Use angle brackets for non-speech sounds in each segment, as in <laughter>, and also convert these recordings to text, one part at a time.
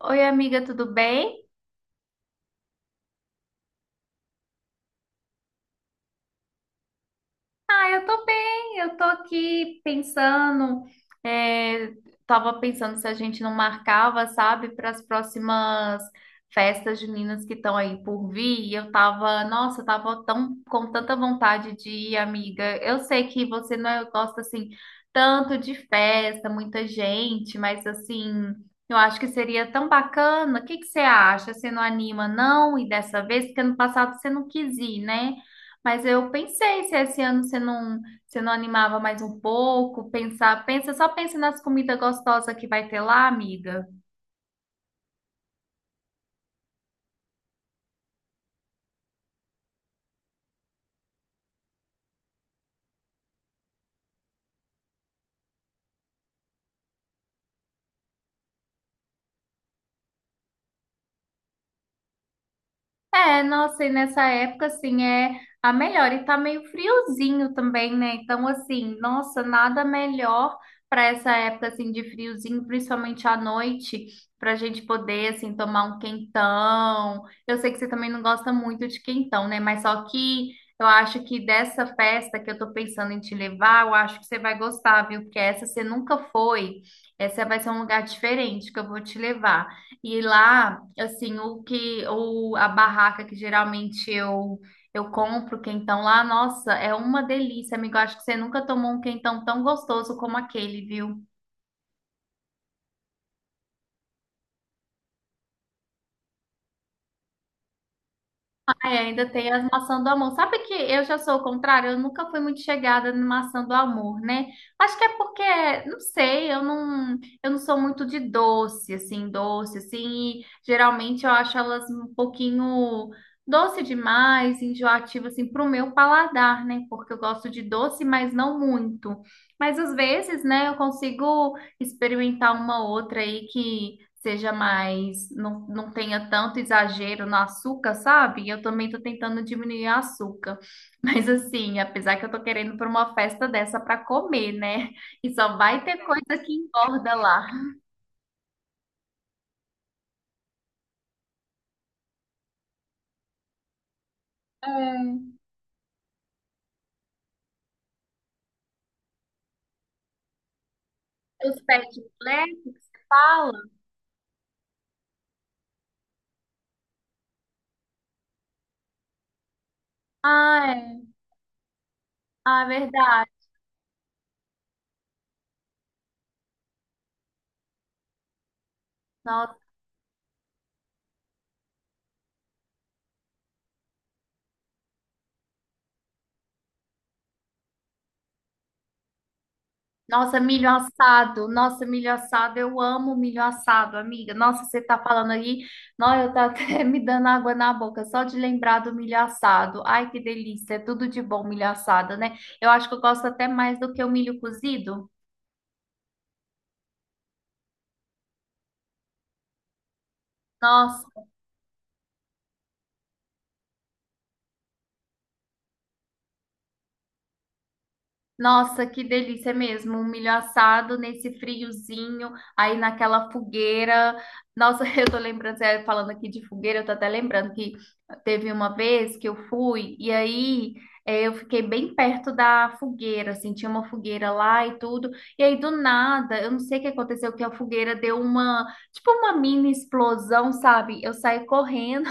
Oi, amiga, tudo bem? Ah, eu tô bem. Eu tô aqui pensando, é, tava pensando se a gente não marcava, sabe, para as próximas festas juninas que estão aí por vir. E eu tava, nossa, eu tava tão com tanta vontade de ir, amiga. Eu sei que você não é- gosta assim tanto de festa, muita gente, mas assim, eu acho que seria tão bacana. O que que você acha? Você não anima, não? E dessa vez, porque ano passado você não quis ir, né? Mas eu pensei se esse ano você não animava mais um pouco, pensa, só pensa nas comidas gostosas que vai ter lá, amiga. É, nossa, e nessa época, assim, é a melhor. E tá meio friozinho também, né? Então, assim, nossa, nada melhor para essa época, assim, de friozinho, principalmente à noite, pra gente poder, assim, tomar um quentão. Eu sei que você também não gosta muito de quentão, né? Mas só que eu acho que dessa festa que eu tô pensando em te levar, eu acho que você vai gostar, viu? Porque essa você nunca foi. Essa vai ser um lugar diferente que eu vou te levar. E lá, assim, a barraca que geralmente eu compro quentão lá, nossa, é uma delícia, amigo. Eu acho que você nunca tomou um quentão tão gostoso como aquele, viu? Ai, ainda tem as maçãs do amor. Sabe que eu já sou o contrário? Eu nunca fui muito chegada na maçã do amor, né? Acho que é porque, não sei, eu não sou muito de doce, assim, e geralmente eu acho elas um pouquinho doce demais, enjoativa, assim, pro meu paladar, né? Porque eu gosto de doce, mas não muito. Mas às vezes, né, eu consigo experimentar uma outra aí que seja mais, não, não tenha tanto exagero no açúcar, sabe? Eu também tô tentando diminuir o açúcar. <laughs> Mas assim, apesar que eu tô querendo para uma festa dessa para comer, né? E só vai ter coisa que engorda lá. Os pet flags que você fala? Ah, é. Ah, é verdade. Nossa, milho assado. Nossa, milho assado. Eu amo milho assado, amiga. Nossa, você tá falando aí. Nossa, eu tá até <laughs> me dando água na boca só de lembrar do milho assado. Ai, que delícia. É tudo de bom milho assado, né? Eu acho que eu gosto até mais do que o milho cozido. Nossa. Nossa, que delícia mesmo, um milho assado nesse friozinho, aí naquela fogueira. Nossa, <laughs> eu tô lembrando, você falando aqui de fogueira, eu tô até lembrando que teve uma vez que eu fui e aí eu fiquei bem perto da fogueira, assim, tinha uma fogueira lá e tudo. E aí do nada, eu não sei o que aconteceu, que a fogueira deu uma, tipo uma mini explosão, sabe? Eu saí correndo.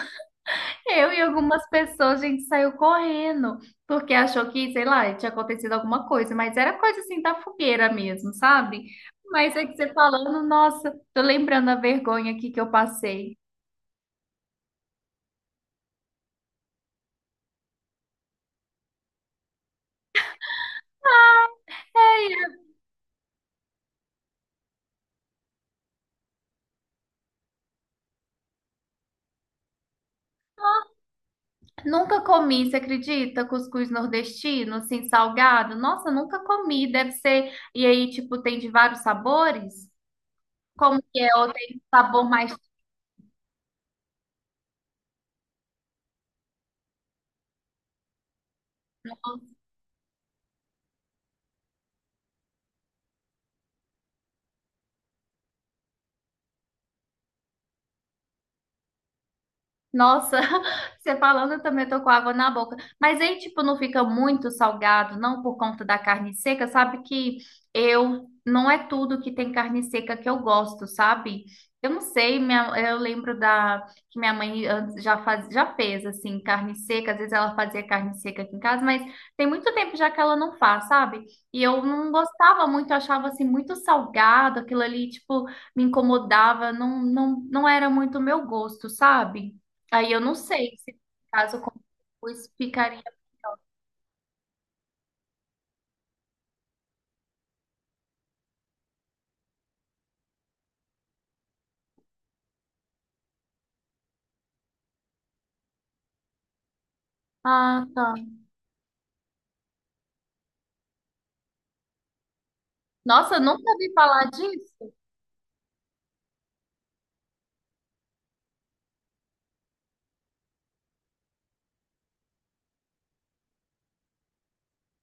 Eu e algumas pessoas, a gente saiu correndo, porque achou que, sei lá, tinha acontecido alguma coisa, mas era coisa assim da fogueira mesmo, sabe? Mas é que você falando, nossa, tô lembrando a vergonha aqui que eu passei. É, nunca comi, você acredita? Cuscuz nordestino, assim, salgado? Nossa, nunca comi, deve ser. E aí, tipo, tem de vários sabores? Como que é? Ou tem sabor mais. Nossa, <laughs> você falando, eu também tô com água na boca. Mas aí, tipo, não fica muito salgado, não por conta da carne seca. Sabe que eu não é tudo que tem carne seca que eu gosto, sabe? Eu não sei, eu lembro da que minha mãe antes já fez assim carne seca. Às vezes ela fazia carne seca aqui em casa, mas tem muito tempo já que ela não faz, sabe? E eu não gostava muito, eu achava assim muito salgado, aquilo ali, tipo, me incomodava. Não, não, não era muito o meu gosto, sabe? Aí eu não sei se caso com cuscuz ficaria. Ah, tá. Nossa, eu nunca ouvi falar disso.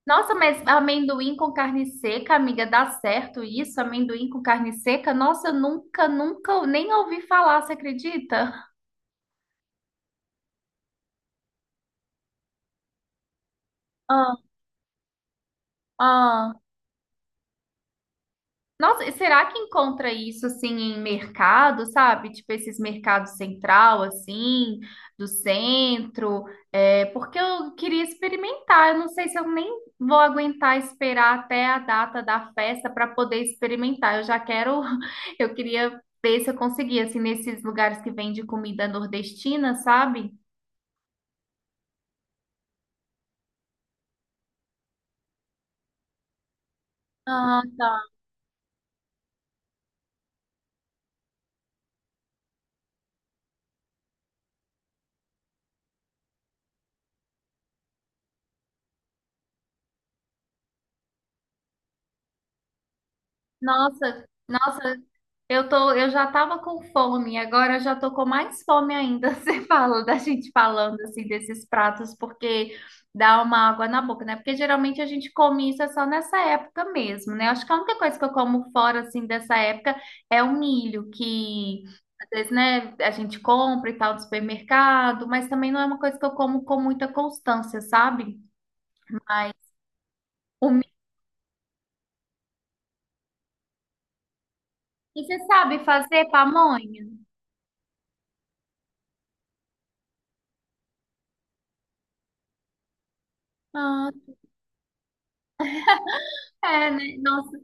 Nossa, mas amendoim com carne seca, amiga, dá certo isso? Amendoim com carne seca? Nossa, eu nunca, nunca nem ouvi falar, você acredita? Ah, ah. Nossa, e será que encontra isso assim em mercado, sabe? Tipo esses mercados central, assim, do centro? É, porque eu queria experimentar. Eu não sei se eu nem vou aguentar esperar até a data da festa para poder experimentar. Eu já quero, <laughs> eu queria ver se eu conseguia, assim, nesses lugares que vende comida nordestina, sabe? Ah, tá. Nossa, nossa. Eu já tava com fome, agora eu já tô com mais fome ainda. <laughs> Você fala da gente falando assim desses pratos, porque dá uma água na boca, né? Porque geralmente a gente come isso é só nessa época mesmo, né? Acho que a única coisa que eu como fora assim dessa época é o milho, que às vezes, né, a gente compra e tal no supermercado, mas também não é uma coisa que eu como com muita constância, sabe? Mas o milho, e você sabe fazer pamonha? Ah, é, né? Nossa,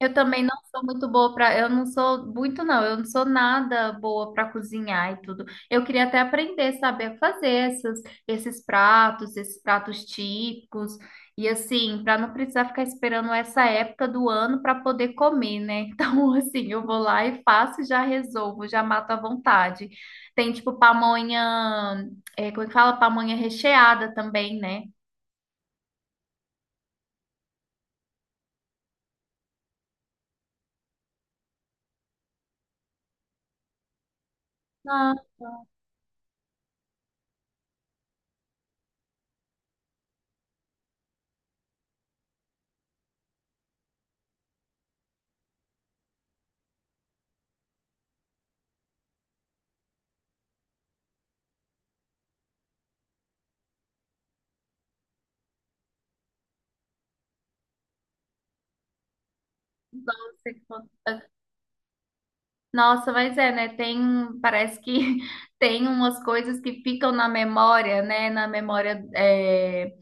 eu também não sou muito boa para, eu não sou nada boa para cozinhar e tudo. Eu queria até aprender, saber fazer esses pratos típicos e assim, para não precisar ficar esperando essa época do ano para poder comer, né? <laughs> Então, assim, eu vou lá e faço, e já resolvo, já mato à vontade. Tem tipo pamonha, é, como é que fala? Pamonha recheada também, né? Ah, doce. Nossa, mas é, né? Tem, parece que <laughs> tem umas coisas que ficam na memória, né? Na memória é,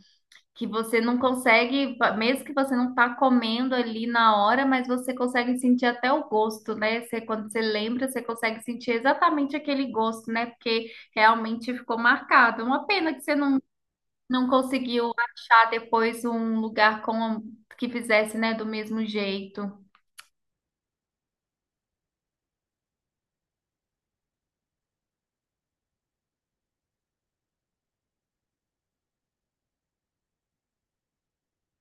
que você não consegue, mesmo que você não tá comendo ali na hora, mas você consegue sentir até o gosto, né? Você, quando você lembra, você consegue sentir exatamente aquele gosto, né? Porque realmente ficou marcado. Uma pena que você não, não conseguiu achar depois um lugar com que fizesse, né, do mesmo jeito.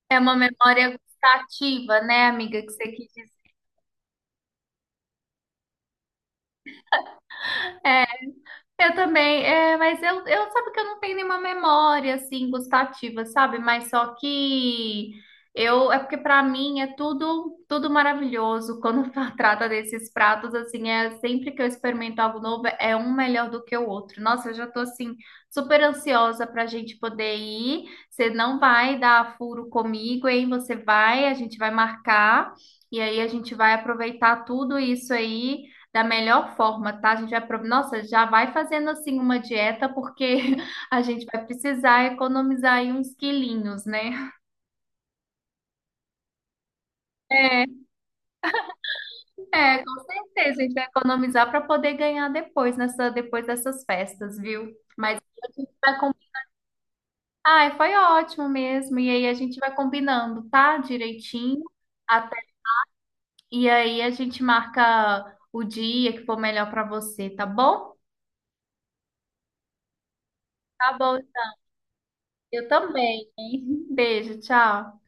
É uma memória gustativa, né, amiga, que você quis dizer. Eu também, é, mas eu sabe que eu não tenho nenhuma memória assim gustativa, sabe? Mas só que eu é porque pra mim é tudo maravilhoso quando <laughs> trata desses pratos assim, é sempre que eu experimento algo novo é um melhor do que o outro. Nossa, eu já tô assim super ansiosa pra gente poder ir. Você não vai dar furo comigo, hein? Você vai, a gente vai marcar e aí a gente vai aproveitar tudo isso aí da melhor forma, tá? A gente vai, pro- nossa, já vai fazendo assim uma dieta porque <laughs> a gente vai precisar economizar aí uns quilinhos, né? É, com certeza, a gente vai economizar para poder ganhar depois nessa depois dessas festas, viu? Mas a gente vai combinar. Ai, foi ótimo mesmo. E aí a gente vai combinando, tá? Direitinho. Até... E aí a gente marca o dia que for melhor para você, tá bom? Tá bom. Eu também, hein? Beijo, tchau.